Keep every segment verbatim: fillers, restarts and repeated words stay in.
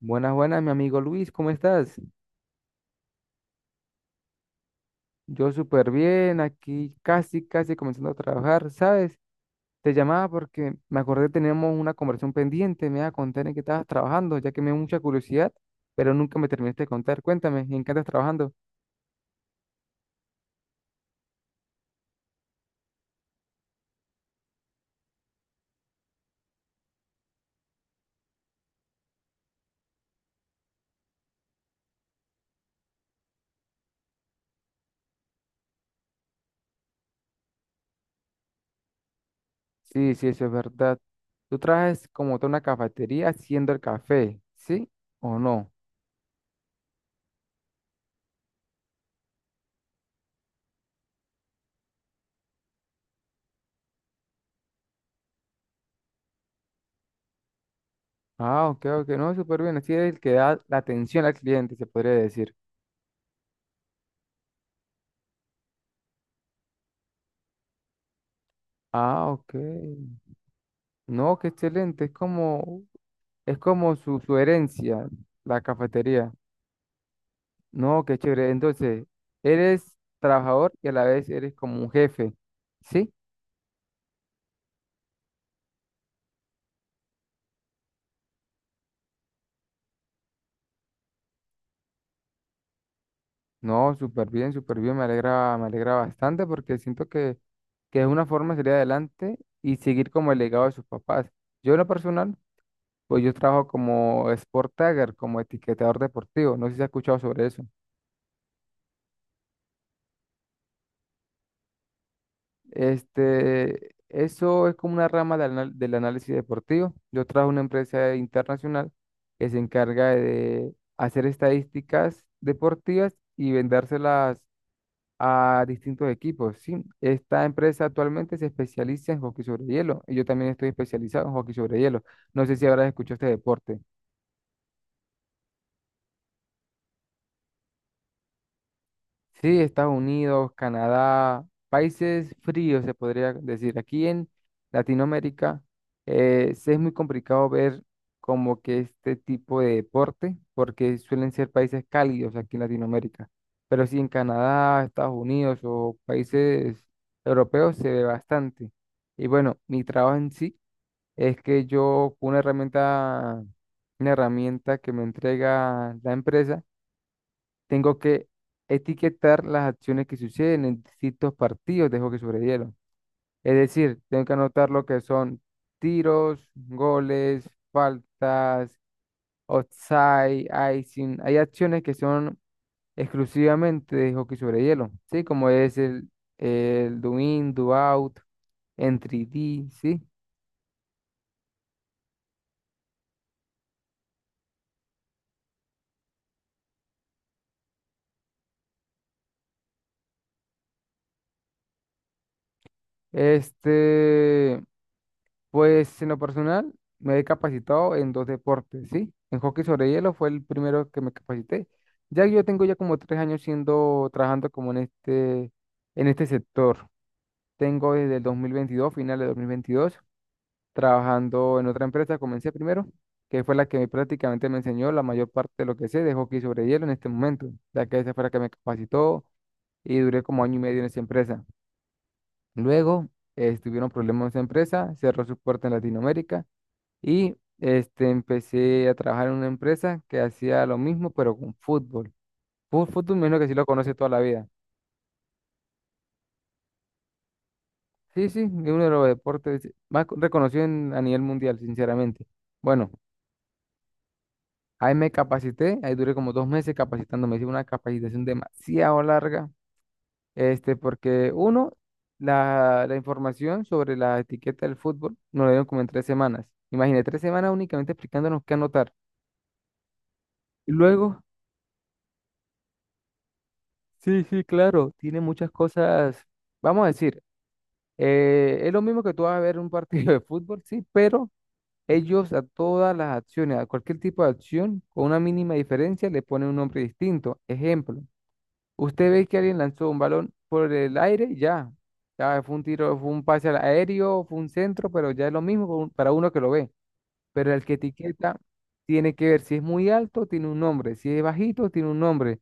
Buenas, buenas, mi amigo Luis, ¿cómo estás? Yo súper bien, aquí casi, casi comenzando a trabajar, ¿sabes? Te llamaba porque me acordé que teníamos una conversación pendiente, me ibas a contar en qué estabas trabajando, ya que me dio mucha curiosidad, pero nunca me terminaste de contar. Cuéntame, ¿en qué estás trabajando? Sí, sí, eso es verdad. Tú trabajas como toda una cafetería haciendo el café, ¿sí o no? Ah, ok, ok, no, súper bien, así es el que da la atención al cliente, se podría decir. Ah, ok. No, qué excelente. Es como Es como su, su herencia, la cafetería. No, qué chévere. Entonces, eres trabajador y a la vez eres como un jefe. ¿Sí? No, súper bien, súper bien. Me alegra, me alegra bastante porque siento que, que es una forma de salir adelante y seguir como el legado de sus papás. Yo en lo personal, pues yo trabajo como sport tagger, como etiquetador deportivo. No sé si has escuchado sobre eso. Este, eso es como una rama del, anal- del análisis deportivo. Yo trabajo en una empresa internacional que se encarga de hacer estadísticas deportivas y vendérselas a distintos equipos, ¿sí? Esta empresa actualmente se especializa en hockey sobre hielo y yo también estoy especializado en hockey sobre hielo. No sé si habrás escuchado este deporte. Sí, Estados Unidos, Canadá, países fríos se podría decir. Aquí en Latinoamérica eh, sí es muy complicado ver como que este tipo de deporte, porque suelen ser países cálidos aquí en Latinoamérica. Pero sí en Canadá, Estados Unidos o países europeos se ve bastante. Y bueno, mi trabajo en sí es que yo, con una herramienta, una herramienta que me entrega la empresa, tengo que etiquetar las acciones que suceden en distintos partidos de hockey sobre hielo. Es decir, tengo que anotar lo que son tiros, goles, faltas, offside, icing. Hay acciones que son exclusivamente de hockey sobre hielo, ¿sí? Como es el, el do in, do out, entry D, ¿sí? Este, pues en lo personal me he capacitado en dos deportes, ¿sí? En hockey sobre hielo fue el primero que me capacité. Ya yo tengo ya como tres años siendo, trabajando como en este, en este sector. Tengo desde el dos mil veintidós final de dos mil veintidós trabajando en otra empresa. Comencé primero, que fue la que prácticamente me enseñó la mayor parte de lo que sé de hockey sobre hielo en este momento, ya que esa fue la que me capacitó y duré como año y medio en esa empresa. Luego, eh, tuvieron problemas en esa empresa, cerró su puerta en Latinoamérica y este, empecé a trabajar en una empresa que hacía lo mismo, pero con fútbol. Fu- Fútbol, menos que sí lo conoce toda la vida. Sí, sí, es uno de los deportes más co- reconocido en- a nivel mundial, sinceramente. Bueno, ahí me capacité, ahí duré como dos meses capacitándome. Hice una capacitación demasiado larga, este, porque uno, la, la información sobre la etiqueta del fútbol nos la dieron como en tres semanas. Imagínate, tres semanas únicamente explicándonos qué anotar. Y luego sí, sí, claro, tiene muchas cosas, vamos a decir, eh, es lo mismo que tú vas a ver un partido de fútbol, sí, pero ellos a todas las acciones, a cualquier tipo de acción, con una mínima diferencia, le ponen un nombre distinto. Ejemplo, usted ve que alguien lanzó un balón por el aire, y ya, ya fue un tiro, fue un pase al aéreo, fue un centro, pero ya es lo mismo con- para uno que lo ve pero el que etiqueta tiene que ver si es muy alto, tiene un nombre, si es bajito, tiene un nombre.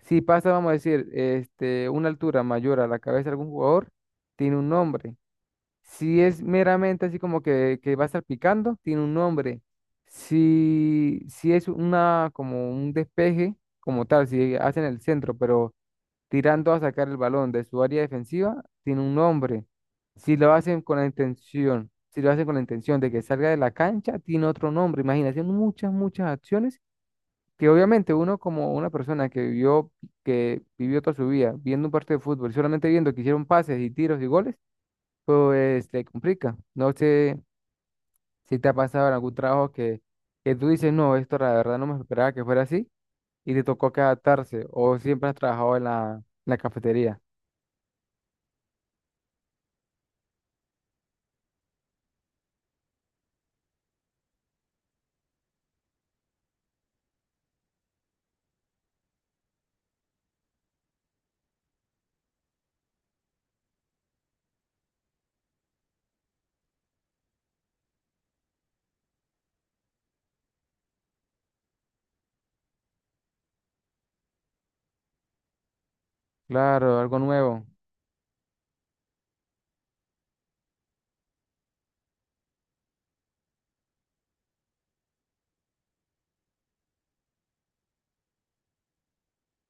Si pasa, vamos a decir, este, una altura mayor a la cabeza de algún jugador, tiene un nombre. Si es meramente así como que, que va a estar picando, tiene un nombre. Si, si es una, como un despeje, como tal, si hacen el centro, pero tirando a sacar el balón de su área defensiva, tiene un nombre. Si lo hacen con la intención, si lo hacen con la intención de que salga de la cancha, tiene otro nombre. Imagínate, muchas, muchas acciones que obviamente uno como una persona que vivió, que vivió toda su vida viendo un partido de fútbol, solamente viendo que hicieron pases y tiros y goles, pues le complica. No sé si te ha pasado en algún trabajo que, que tú dices, no, esto la verdad no me esperaba que fuera así y te tocó que adaptarse o siempre has trabajado en la, en la cafetería. Claro, algo nuevo.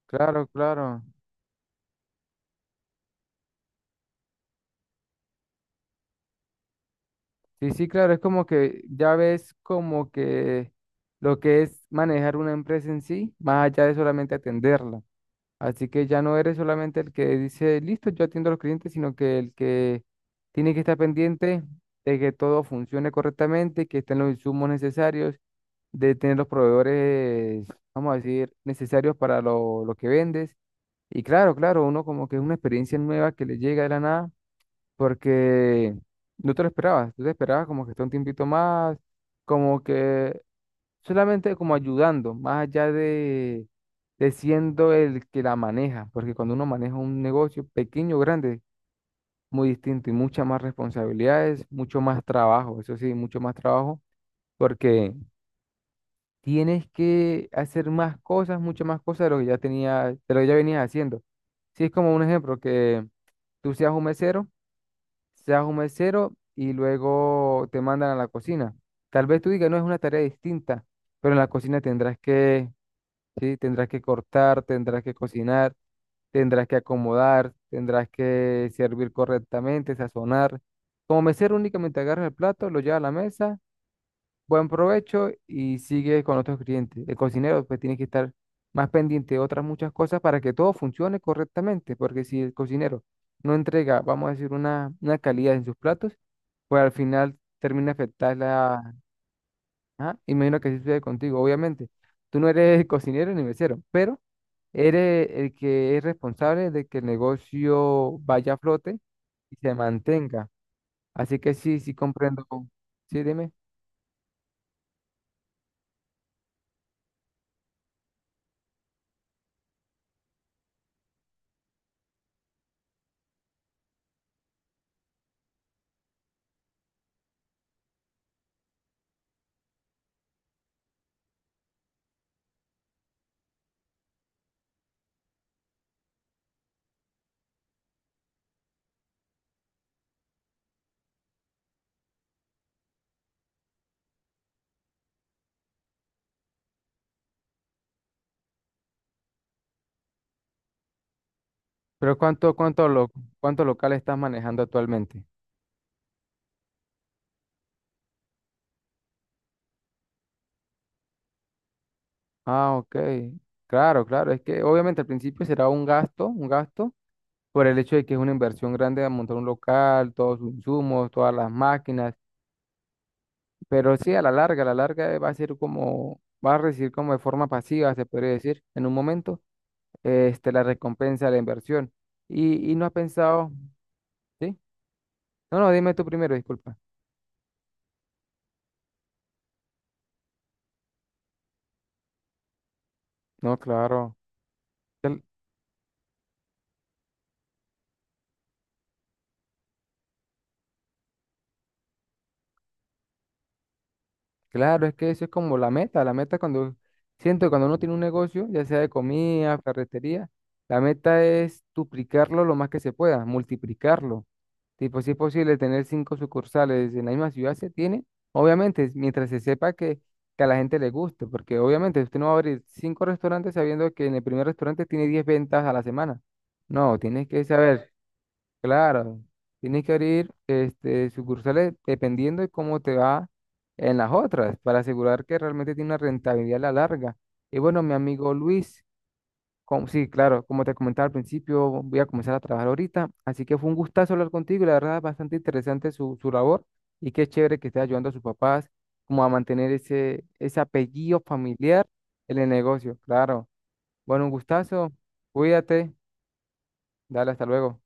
Claro, claro. Sí, sí, claro, es como que ya ves como que lo que es manejar una empresa en sí, más allá de solamente atenderla. Así que ya no eres solamente el que dice, listo, yo atiendo a los clientes, sino que el que tiene que estar pendiente de que todo funcione correctamente, que estén los insumos necesarios, de tener los proveedores, vamos a decir, necesarios para lo, lo que vendes. Y claro, claro, uno como que es una experiencia nueva que le llega de la nada porque no te lo esperabas, tú te esperabas como que esté un tiempito más, como que solamente como ayudando, más allá de, de siendo el que la maneja, porque cuando uno maneja un negocio pequeño o grande, muy distinto y muchas más responsabilidades, mucho más trabajo, eso sí, mucho más trabajo, porque tienes que hacer más cosas, muchas más cosas de lo que ya tenía, de lo que ya venías haciendo. Si es como un ejemplo que tú seas un mesero seas un mesero y luego te mandan a la cocina. Tal vez tú digas, no es una tarea distinta, pero en la cocina tendrás que, sí, tendrás que cortar, tendrás que cocinar, tendrás que acomodar, tendrás que servir correctamente, sazonar. Como mesero únicamente agarras el plato, lo llevas a la mesa buen provecho y sigue con otros clientes. El cocinero pues tiene que estar más pendiente de otras muchas cosas para que todo funcione correctamente, porque si el cocinero no entrega, vamos a decir, una, una calidad en sus platos, pues al final termina afectar la... Ah, imagino que así sucede contigo, obviamente. Tú no eres el cocinero ni mesero, pero eres el que es responsable de que el negocio vaya a flote y se mantenga. Así que sí, sí comprendo. Sí, dime. Pero ¿cuánto, cuánto, lo, cuánto local estás manejando actualmente? Ah, ok. Claro, claro. Es que obviamente al principio será un gasto, un gasto, por el hecho de que es una inversión grande de montar un local, todos sus insumos, todas las máquinas. Pero sí, a la larga, a la larga va a ser como, va a recibir como de forma pasiva, se podría decir, en un momento, este, la recompensa de la inversión. Y, y no has pensado, ¿sí? No, no, dime tú primero, disculpa. No, claro. Claro, es que eso es como la meta. La meta cuando siento que cuando uno tiene un negocio, ya sea de comida, ferretería, la meta es duplicarlo lo más que se pueda, multiplicarlo. Tipo, si es posible tener cinco sucursales en la misma ciudad, se tiene. Obviamente, mientras se sepa que, que a la gente le guste, porque obviamente usted no va a abrir cinco restaurantes sabiendo que en el primer restaurante tiene diez ventas a la semana. No, tienes que saber claro, tienes que abrir este, sucursales dependiendo de cómo te va en las otras, para asegurar que realmente tiene una rentabilidad a la larga. Y bueno, mi amigo Luis, como, sí, claro, como te comentaba al principio, voy a comenzar a trabajar ahorita, así que fue un gustazo hablar contigo y la verdad bastante interesante su, su labor y qué chévere que esté ayudando a sus papás como a mantener ese, ese apellido familiar en el negocio, claro. Bueno, un gustazo, cuídate, dale, hasta luego.